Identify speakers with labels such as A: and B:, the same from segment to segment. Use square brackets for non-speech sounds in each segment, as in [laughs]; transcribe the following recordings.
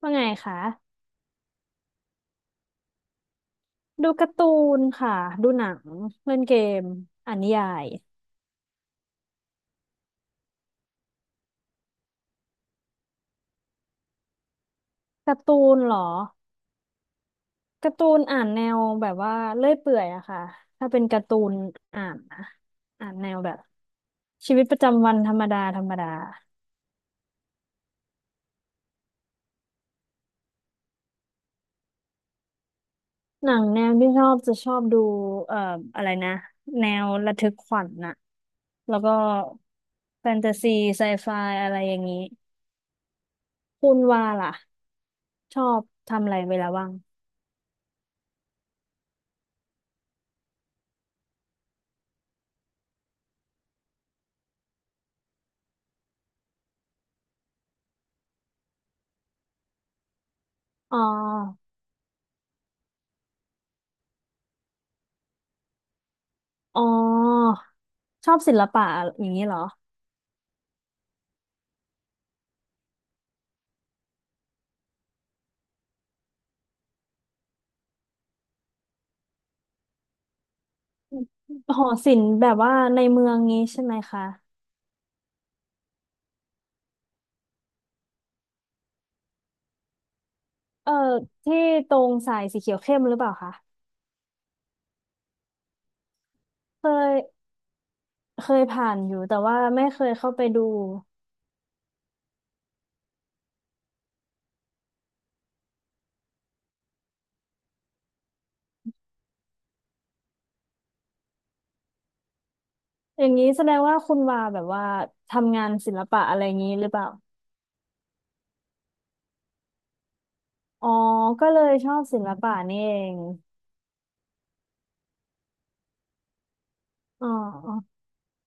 A: ว่าไงคะดูการ์ตูนค่ะดูหนังเล่นเกมอ่านนิยายการ์ตูนเหรอการ์ตูนอ่านแนวแบบว่าเลื่อยเปื่อยอะค่ะถ้าเป็นการ์ตูนอ่านนะอ่านแนวแบบชีวิตประจำวันธรรมดาธรรมดาหนังแนวที่ชอบจะชอบดูเอ่ออะไรนะแนวระทึกขวัญน่ะแล้วก็แฟนตาซีไซไฟอะไรอย่างนี้คุณว่าล่ะชอบทำอะไรเวลาว่างอ๋อ อ๋อชอบศิลปะอย่างนี้เหรอหอศิลป์แบบว่าในเมืองนี้ใช่ไหมคะเออที่ตรงสายสีเขียวเข้มหรือเปล่าคะเคยเคยผ่านอยู่แต่ว่าไม่เคยเข้าไปดูอย่างนี้แสดงว่าคุณวาแบบว่าทำงานศิลปะอะไรอย่างนี้หรือเปล่าอ๋อก็เลยชอบศิลปะนี่เองอ๋ออ๋อ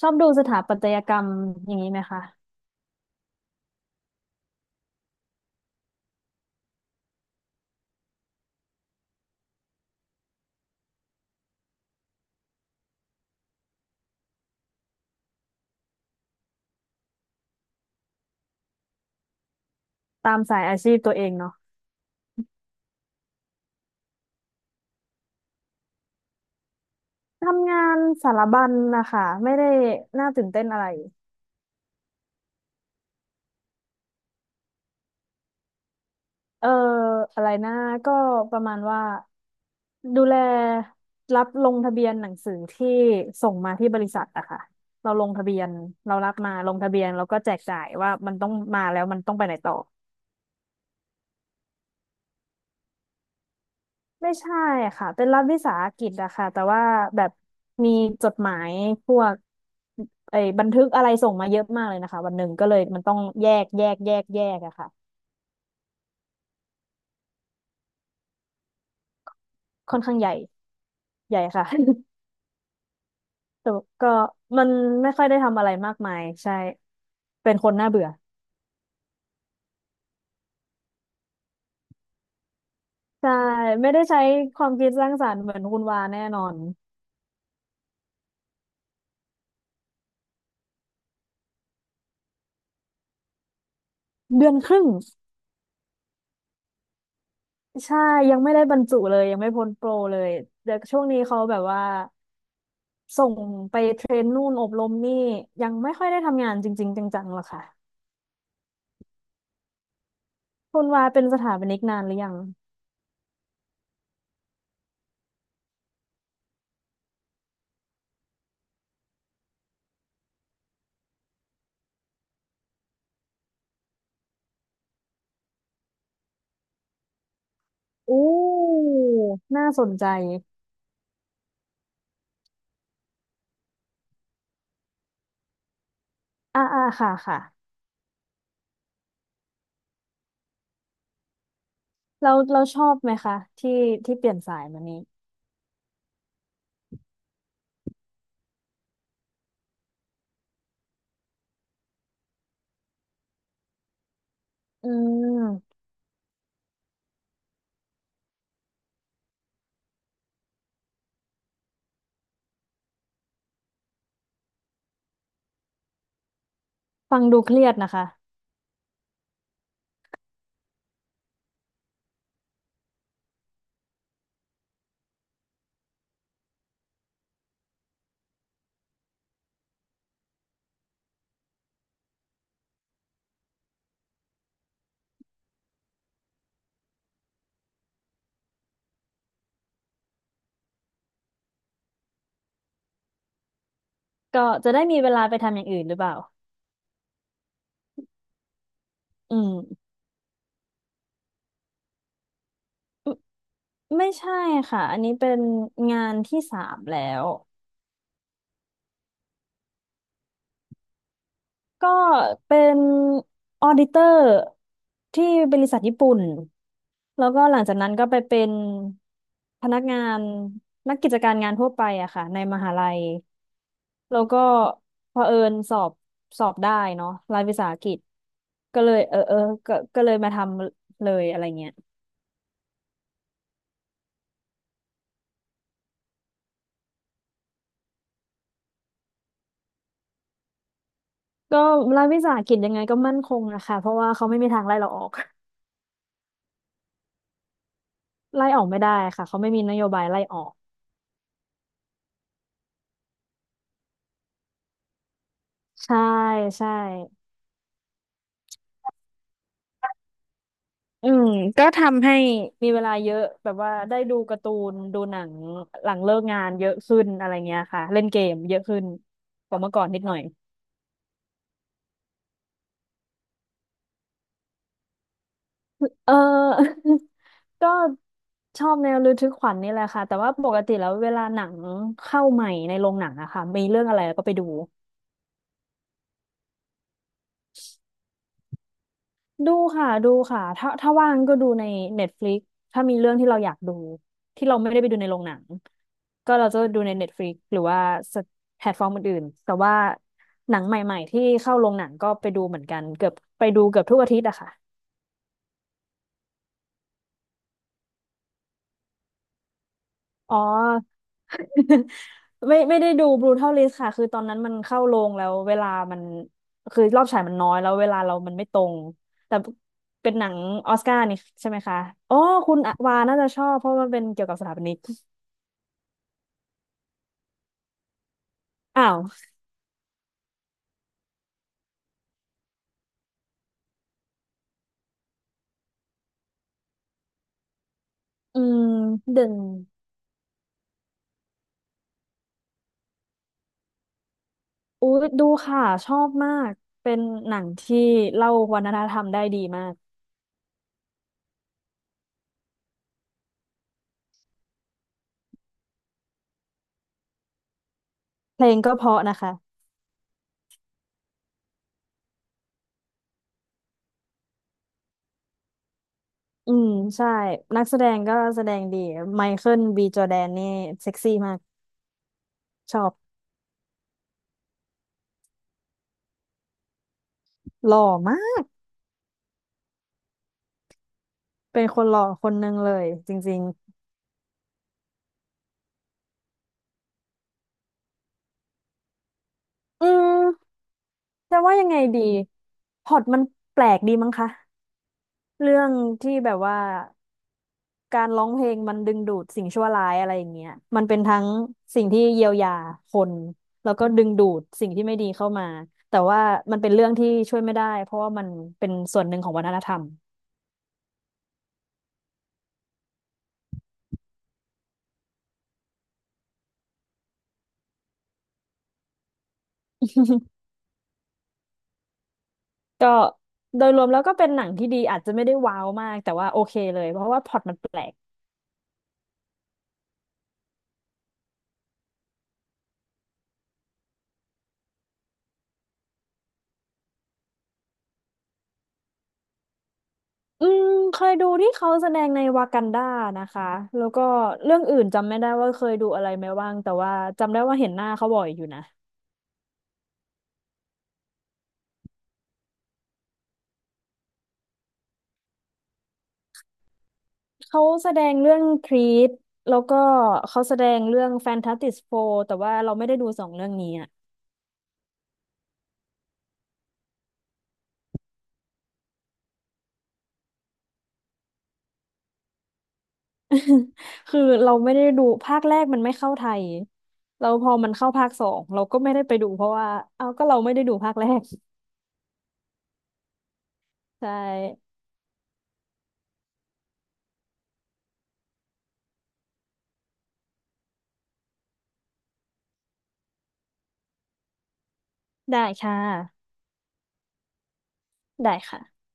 A: ชอบดูสถาปัตยกรรมอย่างนี้ไหมคะตามสายอาชีพตัวเองเนาะทำงานสารบัญนะคะไม่ได้น่าตื่นเต้นอะไร เอออะไรนะก็ประมาณว่าดูแลรับลงทะเบียนหนังสือที่ส่งมาที่บริษัทอะค่ะเราลงทะเบียนเรารับมาลงทะเบียนแล้วก็แจกจ่ายว่ามันต้องมาแล้วมันต้องไปไหนต่อไม่ใช่ค่ะเป็นรัฐวิสาหกิจอะค่ะแต่ว่าแบบมีจดหมายพวกไอ้บันทึกอะไรส่งมาเยอะมากเลยนะคะวันหนึ่งก็เลยมันต้องแยกแยกแยกแยกอะค่ะค่อนข้างใหญ่ใหญ่ค่ะ แต่ก็มันไม่ค่อยได้ทำอะไรมากมายใช่เป็นคนน่าเบื่อใช่ไม่ได้ใช้ความคิดสร้างสรรค์เหมือนคุณวาแน่นอนเดือนครึ่งใช่ยังไม่ได้บรรจุเลยยังไม่พ้นโปรเลยเดี๋ยวช่วงนี้เขาแบบว่าส่งไปเทรนนู่นอบรมนี่ยังไม่ค่อยได้ทำงานจริงๆจังๆหรอกค่ะคุณวาเป็นสถาปนิกนานหรือยังอู้น่าสนใจอ่าอ่าค่ะค่ะเราเราชอบไหมคะที่ที่เปลี่ยนสายมานี้อืม ฟังดูเครียดนะคะก็จะได้มีเวลาไปทำอย่างอื่นหรือเปล่าอืมไม่ใช่ค่ะอันนี้เป็นงานที่สามแล้วก็เป็นออดิเตอร์ที่บริษัทญี่ปุ่นแล้วก็หลังจากนั้นก็ไปเป็นพนักงานนักกิจการงานทั่วไปอะค่ะในมหาลัยแล้วก็พอเผอิญสอบสอบได้เนาะรายวิสาหกิจก็เลยเออเออก็ก็เลยมาทำเลยอะไรเงี้ย ก็รัฐวิสาหกิจยังไงก็มั่นคงนะคะเพราะว่าเขาไม่มีทางไล่เราออก [laughs] ไล่ออกไม่ได้ค่ะเขาไม่มีนโยบายไล่ออกใช่ใช่อืมก็ทำให้มีเวลาเยอะแบบว่าได้ดูการ์ตูนดูหนังหลังเลิกงานเยอะขึ้นอะไรเงี้ยค่ะเล่นเกมเยอะขึ้นกว่าเมื่อก่อนนิดหน่อยเออ [laughs] ก็ชอบแนวระทึกขวัญนี่แหละค่ะแต่ว่าปกติแล้วเวลาหนังเข้าใหม่ในโรงหนังอะค่ะมีเรื่องอะไรก็ไปดู ดูค่ะดูค่ะถ้าถ้าว่างก็ดูใน Netflix ถ้ามีเรื่องที่เราอยากดูที่เราไม่ได้ไปดูในโรงหนังก็เราจะดูใน Netflix หรือว่าแพลตฟอร์มอื่นๆแต่ว่าหนังใหม่ๆที่เข้าโรงหนังก็ไปดูเหมือนกันเกือบไปดูเกือบทุกอาทิตย์อะค่ะ อ๋อ [laughs] ไม่ได้ดู Brutal List ค่ะคือตอนนั้นมันเข้าโรงแล้วเวลามันคือรอบฉายมันน้อยแล้วเวลาเรามันไม่ตรงแต่เป็นหนังออสการ์นี่ใช่ไหมคะอ๋อคุณวาน่าจะชอบเพราะมันเป็นเกี่ยวกับสถาปนิกอ้าวอืมเด่นอุ้ยดูค่ะชอบมากเป็นหนังที่เล่าวัฒนธรรมได้ดีมากเพลงก็เพราะนะคะอืมใช่นักแสดงก็แสดงดีไมเคิลบีจอร์แดนนี่เซ็กซี่มากชอบ หล่อมากเป็นคนหล่อคนหนึ่งเลยจริงๆอืมจะว่ายังไงดีพล็อตมันแปลกดีมั้งคะเรื่องที่แบบว่าการร้องเพลงมันดึงดูดสิ่งชั่วร้ายอะไรอย่างเงี้ยมันเป็นทั้งสิ่งที่เยียวยาคนแล้วก็ดึงดูดสิ่งที่ไม่ดีเข้ามาแต่ว่ามันเป็นเรื่องที่ช่วยไม่ได้เพราะว่ามันเป็นส่วนหนึ่งของวัฒนธรรม [laughs] ก็โดยรวมแล้วก็เป็นหนังที่ดีอาจจะไม่ได้ว้าวมากแต่ว่าโอเคเลยเพราะว่าพล็อตมันแปลก อืมเคยดูที่เขาแสดงในวากันดานะคะแล้วก็เรื่องอื่นจำไม่ได้ว่าเคยดูอะไรไหมบ้างแต่ว่าจำได้ว่าเห็นหน้าเขาบ่อยอยู่นะเขาแสดงเรื่องครีดแล้วก็เขาแสดงเรื่องแฟนตาสติสโฟแต่ว่าเราไม่ได้ดูสองเรื่องนี้อะ [laughs] คือเราไม่ได้ดูภาคแรกมันไม่เข้าไทยเราพอมันเข้าภาคสองเราก็ไม่ได้ไปดูเพราะว่าเอาก็เราไม่ได้ดูภาคแรกใช่ได้ค่ะได้ค่ะ